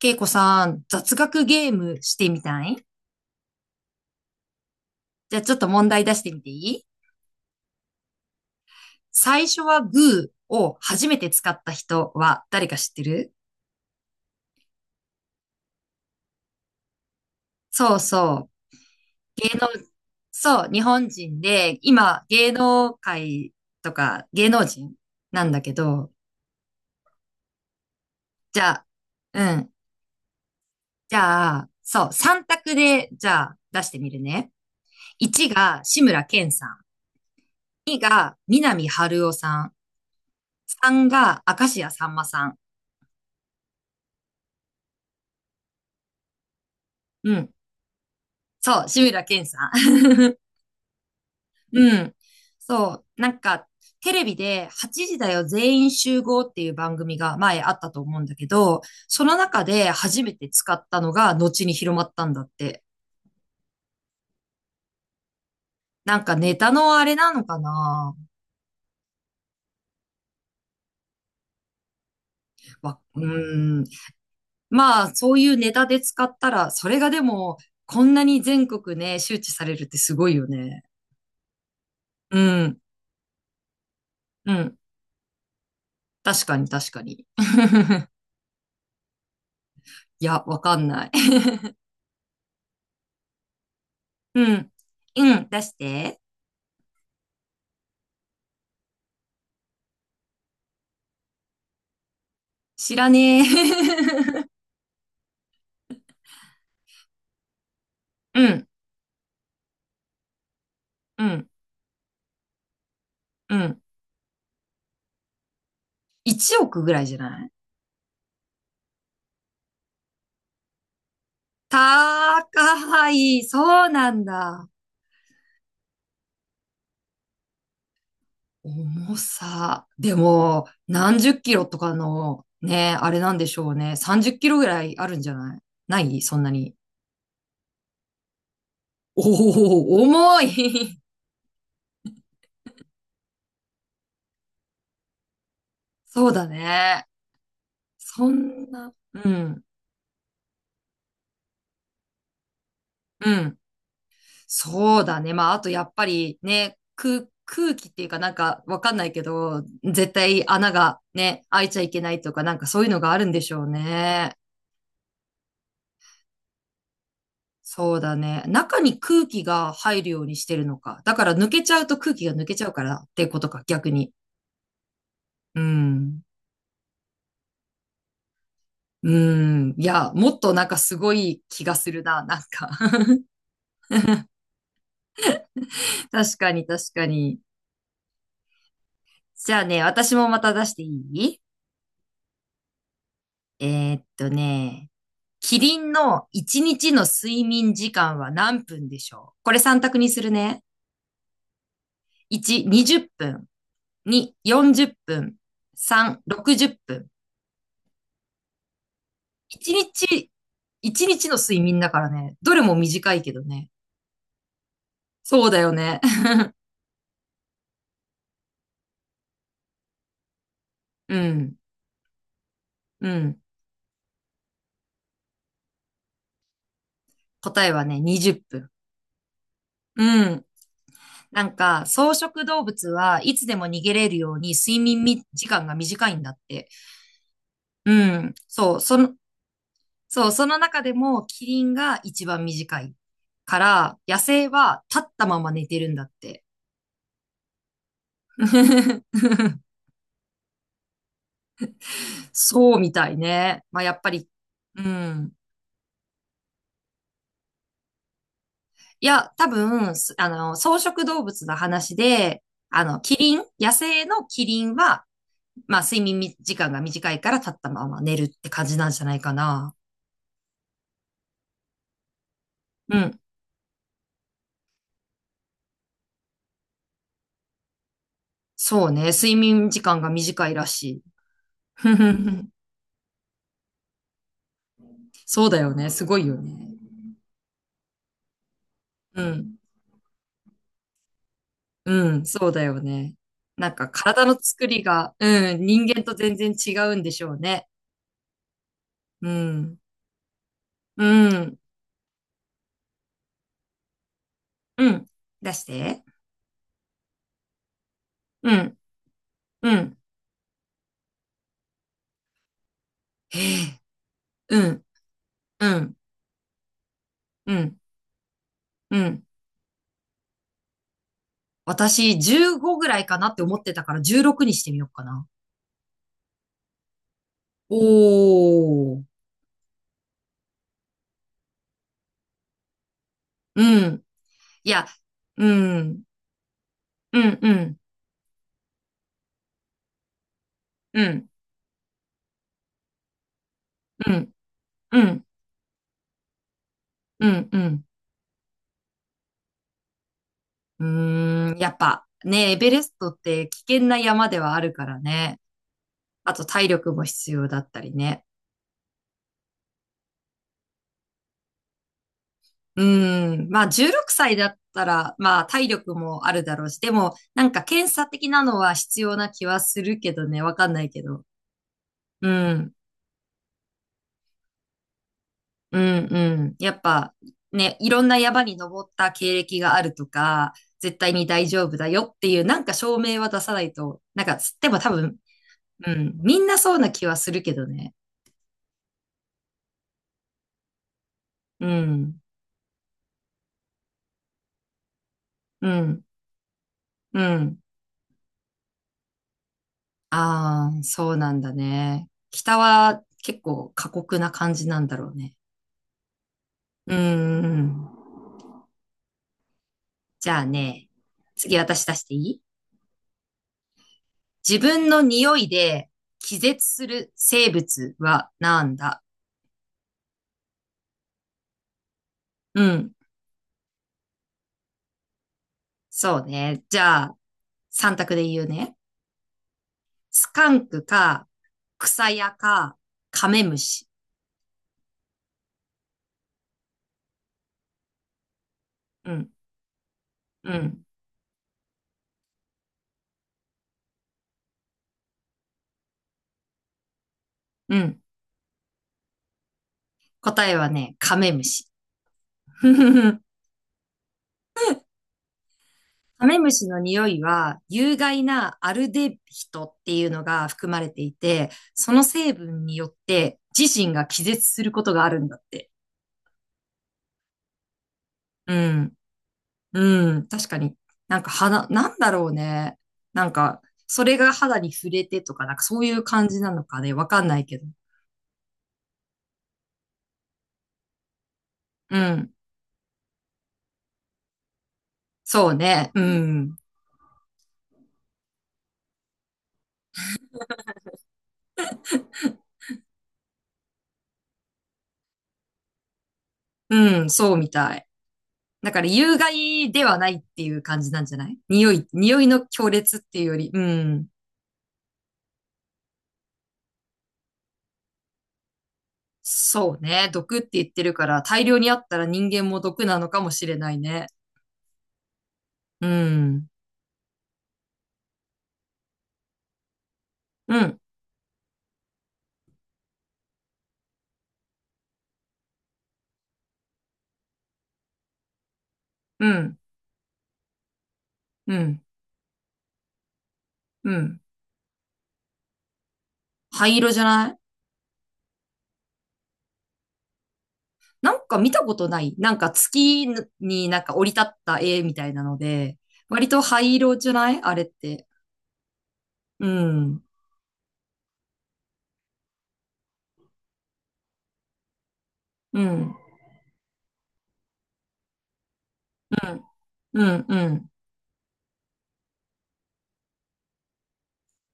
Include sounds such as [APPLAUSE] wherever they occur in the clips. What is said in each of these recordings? けいこさん、雑学ゲームしてみたい？じゃあちょっと問題出してみていい？最初はグーを初めて使った人は誰か知ってる？そうそう。芸能、そう、日本人で、今、芸能界とか芸能人なんだけど、じゃあ、うん。じゃあ、そう、3択で、じゃあ、出してみるね。1が志村けんさん。2が南春夫さん。3が明石家さんまさん。うん。そう、志村けんさん。[LAUGHS] うん。そう、なんか、テレビで8時だよ全員集合っていう番組が前あったと思うんだけど、その中で初めて使ったのが後に広まったんだって。なんかネタのあれなのかな？うーん。まあ、そういうネタで使ったら、それがでも、こんなに全国ね、周知されるってすごいよね。うん、うん。確かに確かに。[LAUGHS] いや、わかんない。うん。うん、出して。知らねえ。[LAUGHS] うん、うん、うん。1億ぐらいじゃない？高い。そうなんだ。重さ。でも、何十キロとかの、ね、あれなんでしょうね。30キロぐらいあるんじゃない？ないそんなに。おお、重い。[LAUGHS] そうだね。そんな、うん、うん。そうだね。まあ、あとやっぱりね、空気っていうかなんかわかんないけど、絶対穴がね、開いちゃいけないとかなんかそういうのがあるんでしょうね。そうだね。中に空気が入るようにしてるのか。だから抜けちゃうと空気が抜けちゃうからってことか、逆に。うん。うん。いや、もっとなんかすごい気がするな、なんか。 [LAUGHS] 確かに確かに。じゃあね、私もまた出していい？ね、キリンの1日の睡眠時間は何分でしょう？これ3択にするね。1、20分。2、40分。3、60分。1日、一日の睡眠だからね。どれも短いけどね。そうだよね。[LAUGHS] うん。うん。答えはね、20分。うん。なんか、草食動物はいつでも逃げれるように睡眠み時間が短いんだって。うん。そう。そう、その中でもキリンが一番短いから、野生は立ったまま寝てるんだって。[LAUGHS] そうみたいね。まあ、やっぱり、うん。いや、多分、あの、草食動物の話で、あの、キリン、野生のキリンは、まあ、睡眠み時間が短いから立ったまま寝るって感じなんじゃないかな。うん。そうね。睡眠時間が短いらしい。[LAUGHS] そうだよね。すごいよね。うん。うん、そうだよね。なんか体の作りが、うん、人間と全然違うんでしょうね。うん、うん、うん。出して。うん、うん。へえ、うん、うん、うん、うん。私、15ぐらいかなって思ってたから16にしてみようかな。おー。うん。いや、うん、うん、うん、うん、うん、うん、うん、うん。うーん、やっぱね、エベレストって危険な山ではあるからね。あと体力も必要だったりね。うん。まあ16歳だったら、まあ体力もあるだろうし、でもなんか検査的なのは必要な気はするけどね、わかんないけど。うん。うんうん。やっぱね、いろんな山に登った経歴があるとか、絶対に大丈夫だよっていうなんか証明は出さないと、なんか、でも多分、うん。みんなそうな気はするけどね。うん。うん。うん。ああ、そうなんだね。北は結構過酷な感じなんだろうね。うーんうん。じゃあね、次私出していい？自分の匂いで気絶する生物はなんだ？うん。そうね。じゃあ、三択で言うね。スカンクか、草屋か、カメムシ。うん、うん、うん。答えはね、カメムシ。[LAUGHS] カメムシの匂いは、有害なアルデヒドっていうのが含まれていて、その成分によって自身が気絶することがあるんだって。うん。うん。確かに。なんか肌、なんだろうね。なんか、それが肌に触れてとか、なんかそういう感じなのかね。わかんないけど。うん。そうね。うん。うん。そうみたい。だから有害ではないっていう感じなんじゃない？匂いの強烈っていうより。うん。そうね。毒って言ってるから、大量にあったら人間も毒なのかもしれないね。うん。うん。うん。うん。うん。灰色じゃない？なんか見たことない。なんか月になんか降り立った絵みたいなので、割と灰色じゃないあれって。うん。うん。うん。うん。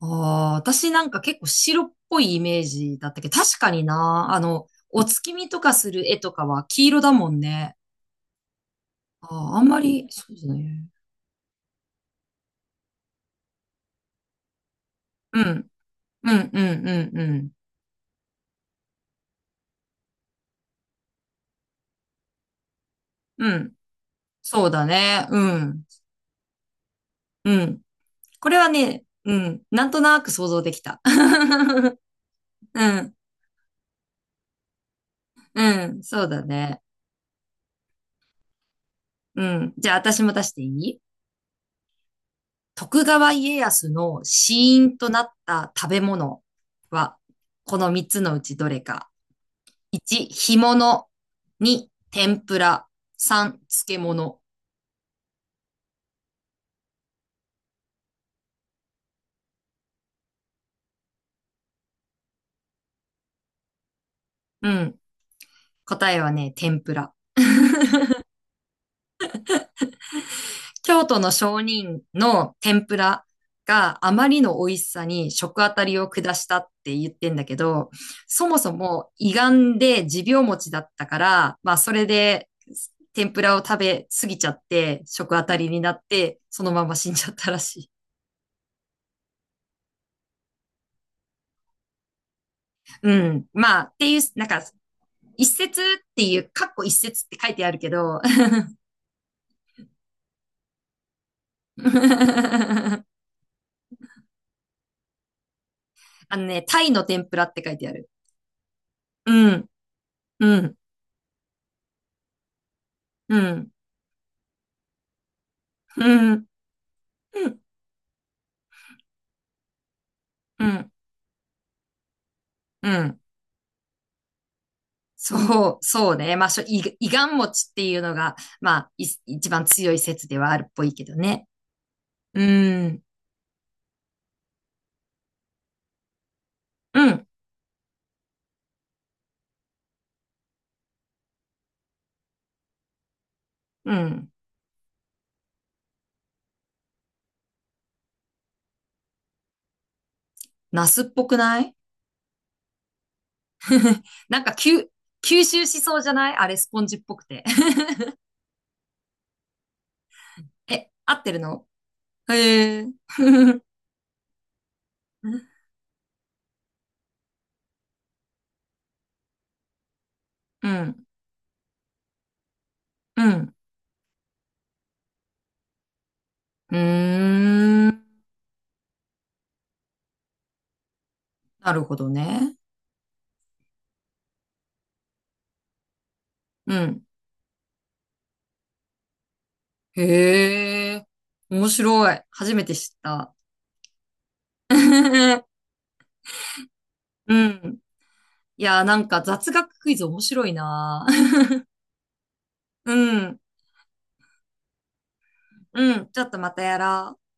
ああ、私なんか結構白っぽいイメージだったけど、確かにな。あの、お月見とかする絵とかは黄色だもんね。ああ、あんまり、そうですね。うん。うん、うん、うん、うん。うん。そうだね。うん。うん。これはね、うん。なんとなく想像できた。[LAUGHS] うん。うん。そうだね。うん。じゃあ私も出していい？徳川家康の死因となった食べ物は、この3つのうちどれか。1、干物。2、天ぷら。3、漬物。うん。答えはね、天ぷら。京都の商人の天ぷらがあまりの美味しさに食あたりを下したって言ってんだけど、そもそも胃がんで持病持ちだったから、まあそれで天ぷらを食べ過ぎちゃって食あたりになって、そのまま死んじゃったらしい。うん。まあっていう、なんか一節っていう、かっこ一節って書いてあるけど、[LAUGHS] あのね、タイの天ぷらって書いてある。うん、うん、うん、うん、うん、うん。うんそう、[LAUGHS] そうね。まあ、しょ、い、いがん餅っていうのが、まあ、一番強い説ではあるっぽいけどね。うん、うん、うん。ナスっぽくない？ [LAUGHS] なんか、吸収しそうじゃないあれ、スポンジっぽくて。[LAUGHS] え、合ってるの？へえ。[LAUGHS] うん、うん。うーん。なるほどね。うん。へえ。面白い。初めて知った。[LAUGHS] うん。いやー、なんか雑学クイズ面白いなー。[LAUGHS] うん。うん。ちょっとまたやろう。